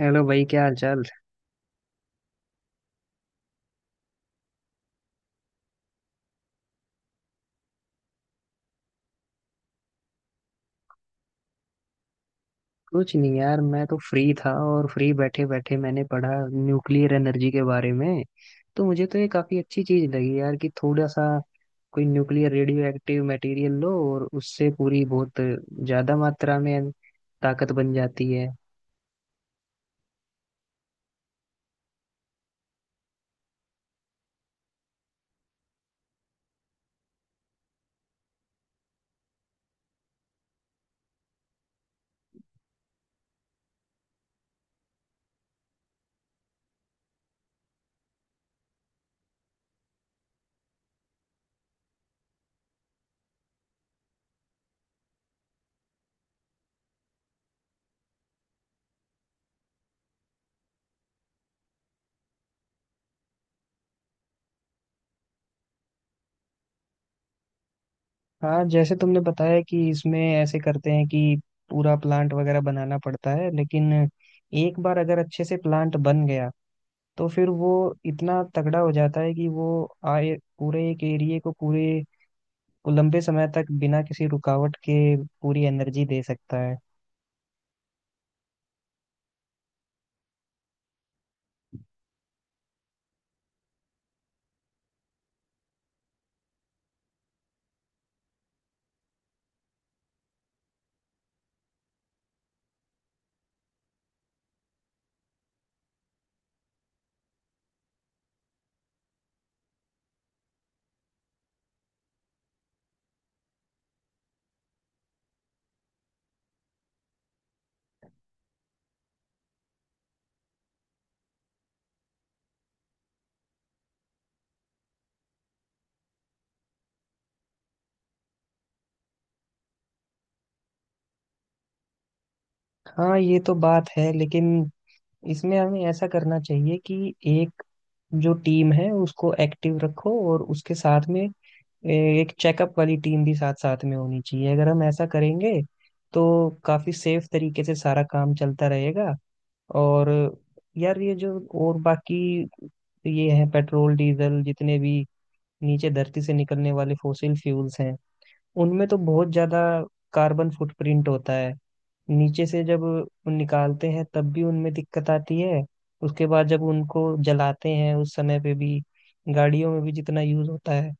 Hello भाई, क्या हाल चाल। कुछ नहीं यार, मैं तो फ्री था और फ्री बैठे बैठे मैंने पढ़ा न्यूक्लियर एनर्जी के बारे में। तो मुझे तो ये काफी अच्छी चीज लगी यार कि थोड़ा सा कोई न्यूक्लियर रेडियो एक्टिव मटेरियल लो और उससे पूरी बहुत ज्यादा मात्रा में ताकत बन जाती है। हाँ, जैसे तुमने बताया कि इसमें ऐसे करते हैं कि पूरा प्लांट वगैरह बनाना पड़ता है, लेकिन एक बार अगर अच्छे से प्लांट बन गया तो फिर वो इतना तगड़ा हो जाता है कि वो आए पूरे एक एरिया को पूरे लंबे समय तक बिना किसी रुकावट के पूरी एनर्जी दे सकता है। हाँ, ये तो बात है, लेकिन इसमें हमें ऐसा करना चाहिए कि एक जो टीम है उसको एक्टिव रखो और उसके साथ में एक चेकअप वाली टीम भी साथ साथ में होनी चाहिए। अगर हम ऐसा करेंगे तो काफी सेफ तरीके से सारा काम चलता रहेगा। और यार ये जो और बाकी ये है पेट्रोल डीजल जितने भी नीचे धरती से निकलने वाले फॉसिल फ्यूल्स हैं उनमें तो बहुत ज्यादा कार्बन फुटप्रिंट होता है। नीचे से जब निकालते हैं तब भी उनमें दिक्कत आती है, उसके बाद जब उनको जलाते हैं उस समय पे भी, गाड़ियों में भी जितना यूज होता है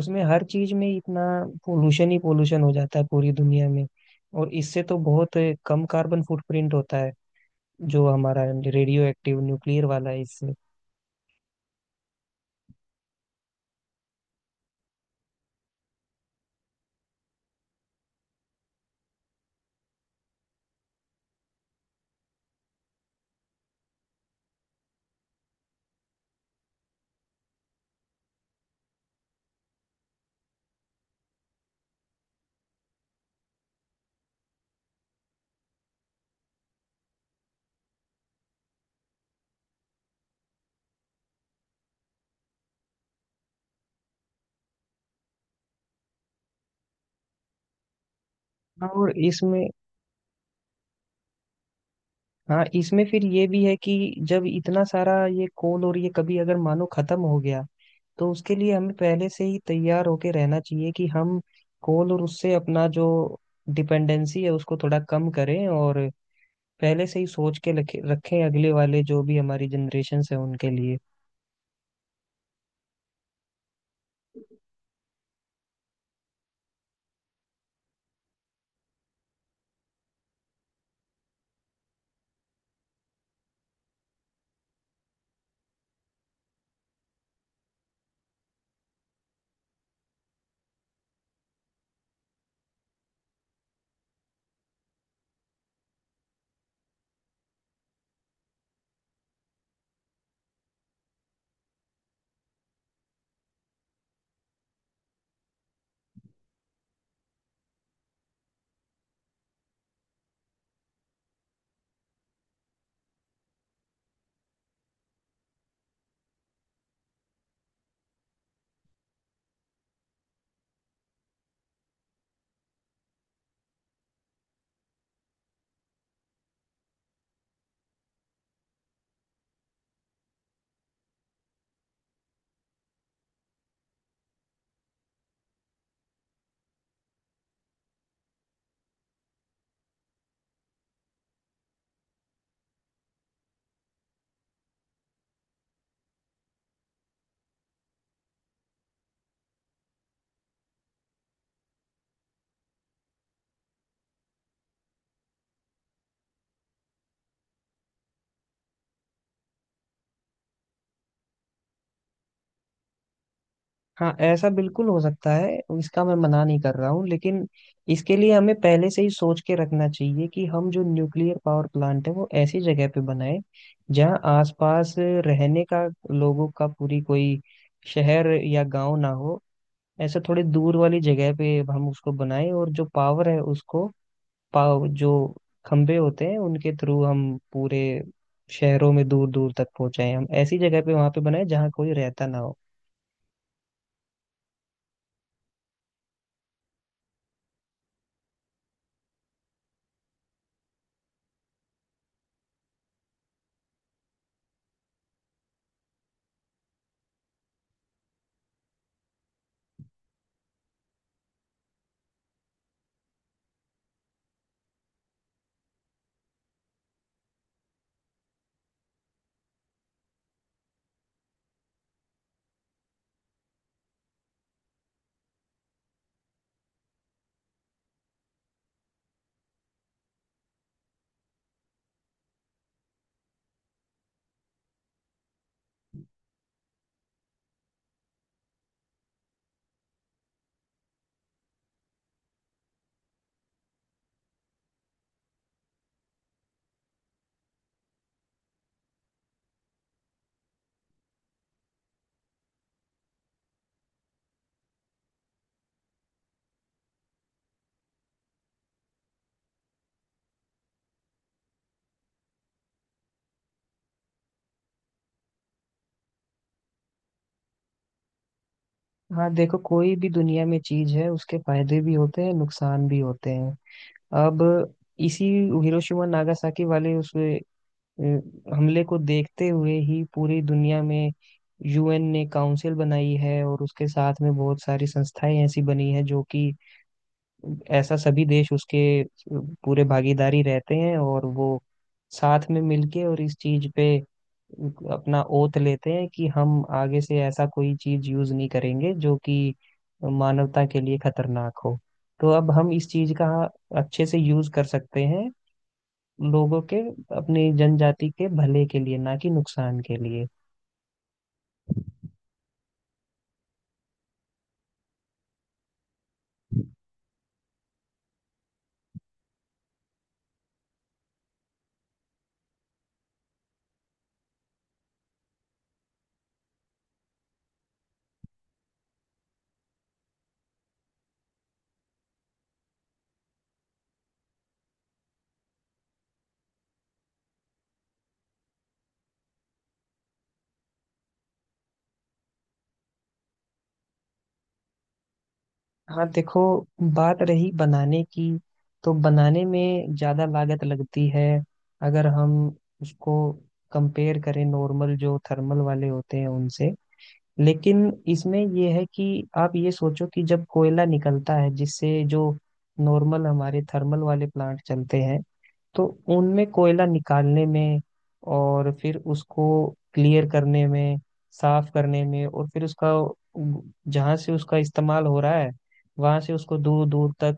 उसमें हर चीज में इतना पोल्यूशन ही पोल्यूशन हो जाता है पूरी दुनिया में। और इससे तो बहुत कम कार्बन फुटप्रिंट होता है जो हमारा रेडियो एक्टिव न्यूक्लियर वाला है इससे। हाँ, और इसमें, हाँ इसमें फिर ये भी है कि जब इतना सारा ये कोल और ये कभी अगर मानो खत्म हो गया, तो उसके लिए हमें पहले से ही तैयार होके रहना चाहिए कि हम कोल और उससे अपना जो डिपेंडेंसी है उसको थोड़ा कम करें और पहले से ही सोच के रखें अगले वाले जो भी हमारी जनरेशन है उनके लिए। हाँ, ऐसा बिल्कुल हो सकता है, इसका मैं मना नहीं कर रहा हूँ, लेकिन इसके लिए हमें पहले से ही सोच के रखना चाहिए कि हम जो न्यूक्लियर पावर प्लांट है वो ऐसी जगह पे बनाए जहाँ आसपास रहने का लोगों का पूरी कोई शहर या गांव ना हो। ऐसे थोड़ी दूर वाली जगह पे हम उसको बनाए और जो पावर है उसको पाव जो खंभे होते हैं उनके थ्रू हम पूरे शहरों में दूर दूर तक पहुंचाएं। हम ऐसी जगह पे वहां पे बनाए जहाँ कोई रहता ना हो। हाँ देखो, कोई भी दुनिया में चीज है उसके फायदे भी होते हैं, नुकसान भी होते हैं। अब इसी हिरोशिमा नागासाकी वाले उस हमले को देखते हुए ही पूरी दुनिया में यूएन ने काउंसिल बनाई है और उसके साथ में बहुत सारी संस्थाएं ऐसी बनी है जो कि ऐसा सभी देश उसके पूरे भागीदारी रहते हैं और वो साथ में मिलके और इस चीज पे अपना ओथ लेते हैं कि हम आगे से ऐसा कोई चीज यूज नहीं करेंगे जो कि मानवता के लिए खतरनाक हो। तो अब हम इस चीज का अच्छे से यूज कर सकते हैं लोगों के, अपनी जनजाति के भले के लिए, ना कि नुकसान के लिए। हाँ देखो, बात रही बनाने की, तो बनाने में ज़्यादा लागत लगती है अगर हम उसको कंपेयर करें नॉर्मल जो थर्मल वाले होते हैं उनसे। लेकिन इसमें ये है कि आप ये सोचो कि जब कोयला निकलता है जिससे जो नॉर्मल हमारे थर्मल वाले प्लांट चलते हैं, तो उनमें कोयला निकालने में और फिर उसको क्लियर करने में, साफ करने में, और फिर उसका जहाँ से उसका इस्तेमाल हो रहा है वहां से उसको दूर दूर तक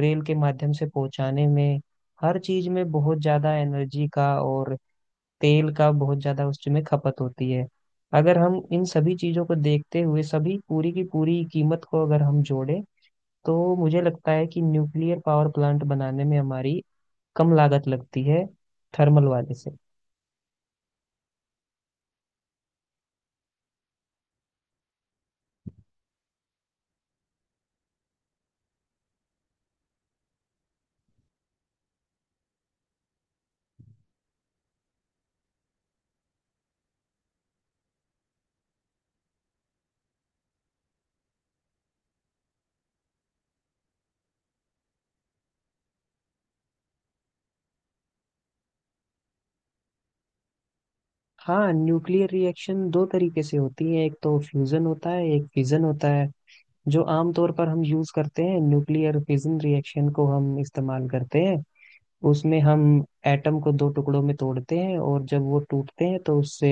रेल के माध्यम से पहुंचाने में, हर चीज में बहुत ज्यादा एनर्जी का और तेल का बहुत ज्यादा उसमें खपत होती है। अगर हम इन सभी चीजों को देखते हुए सभी पूरी की पूरी कीमत को अगर हम जोड़ें, तो मुझे लगता है कि न्यूक्लियर पावर प्लांट बनाने में हमारी कम लागत लगती है थर्मल वाले से। हाँ, न्यूक्लियर रिएक्शन दो तरीके से होती है, एक तो फ्यूजन होता है, एक फिजन होता है। जो आमतौर पर हम यूज करते हैं, न्यूक्लियर फिजन रिएक्शन को हम इस्तेमाल करते हैं। उसमें हम एटम को दो टुकड़ों में तोड़ते हैं और जब वो टूटते हैं तो उससे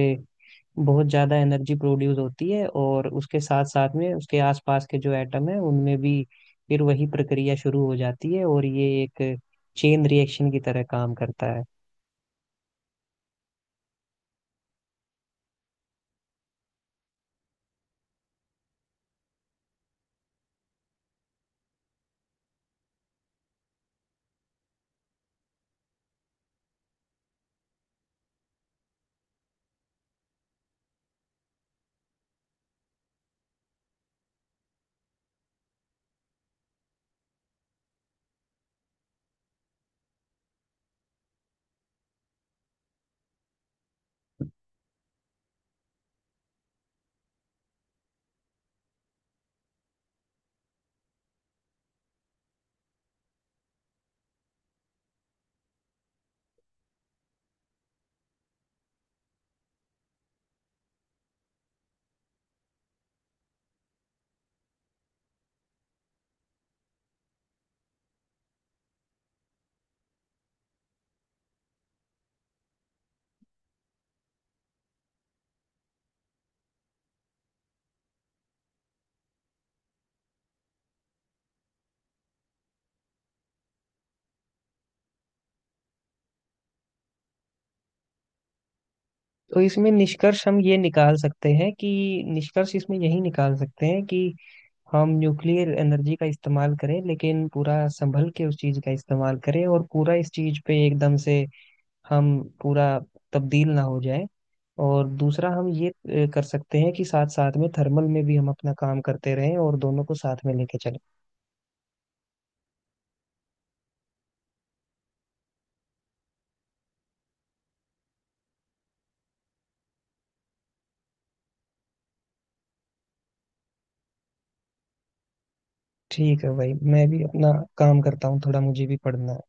बहुत ज्यादा एनर्जी प्रोड्यूस होती है, और उसके साथ साथ में उसके आसपास के जो एटम है उनमें भी फिर वही प्रक्रिया शुरू हो जाती है और ये एक चेन रिएक्शन की तरह काम करता है। तो इसमें निष्कर्ष हम ये निकाल सकते हैं कि, निष्कर्ष इसमें यही निकाल सकते हैं कि हम न्यूक्लियर एनर्जी का इस्तेमाल करें, लेकिन पूरा संभल के उस चीज का इस्तेमाल करें और पूरा इस चीज पे एकदम से हम पूरा तब्दील ना हो जाए। और दूसरा हम ये कर सकते हैं कि साथ साथ में थर्मल में भी हम अपना काम करते रहें और दोनों को साथ में लेके चलें। ठीक है भाई, मैं भी अपना काम करता हूँ, थोड़ा मुझे भी पढ़ना है।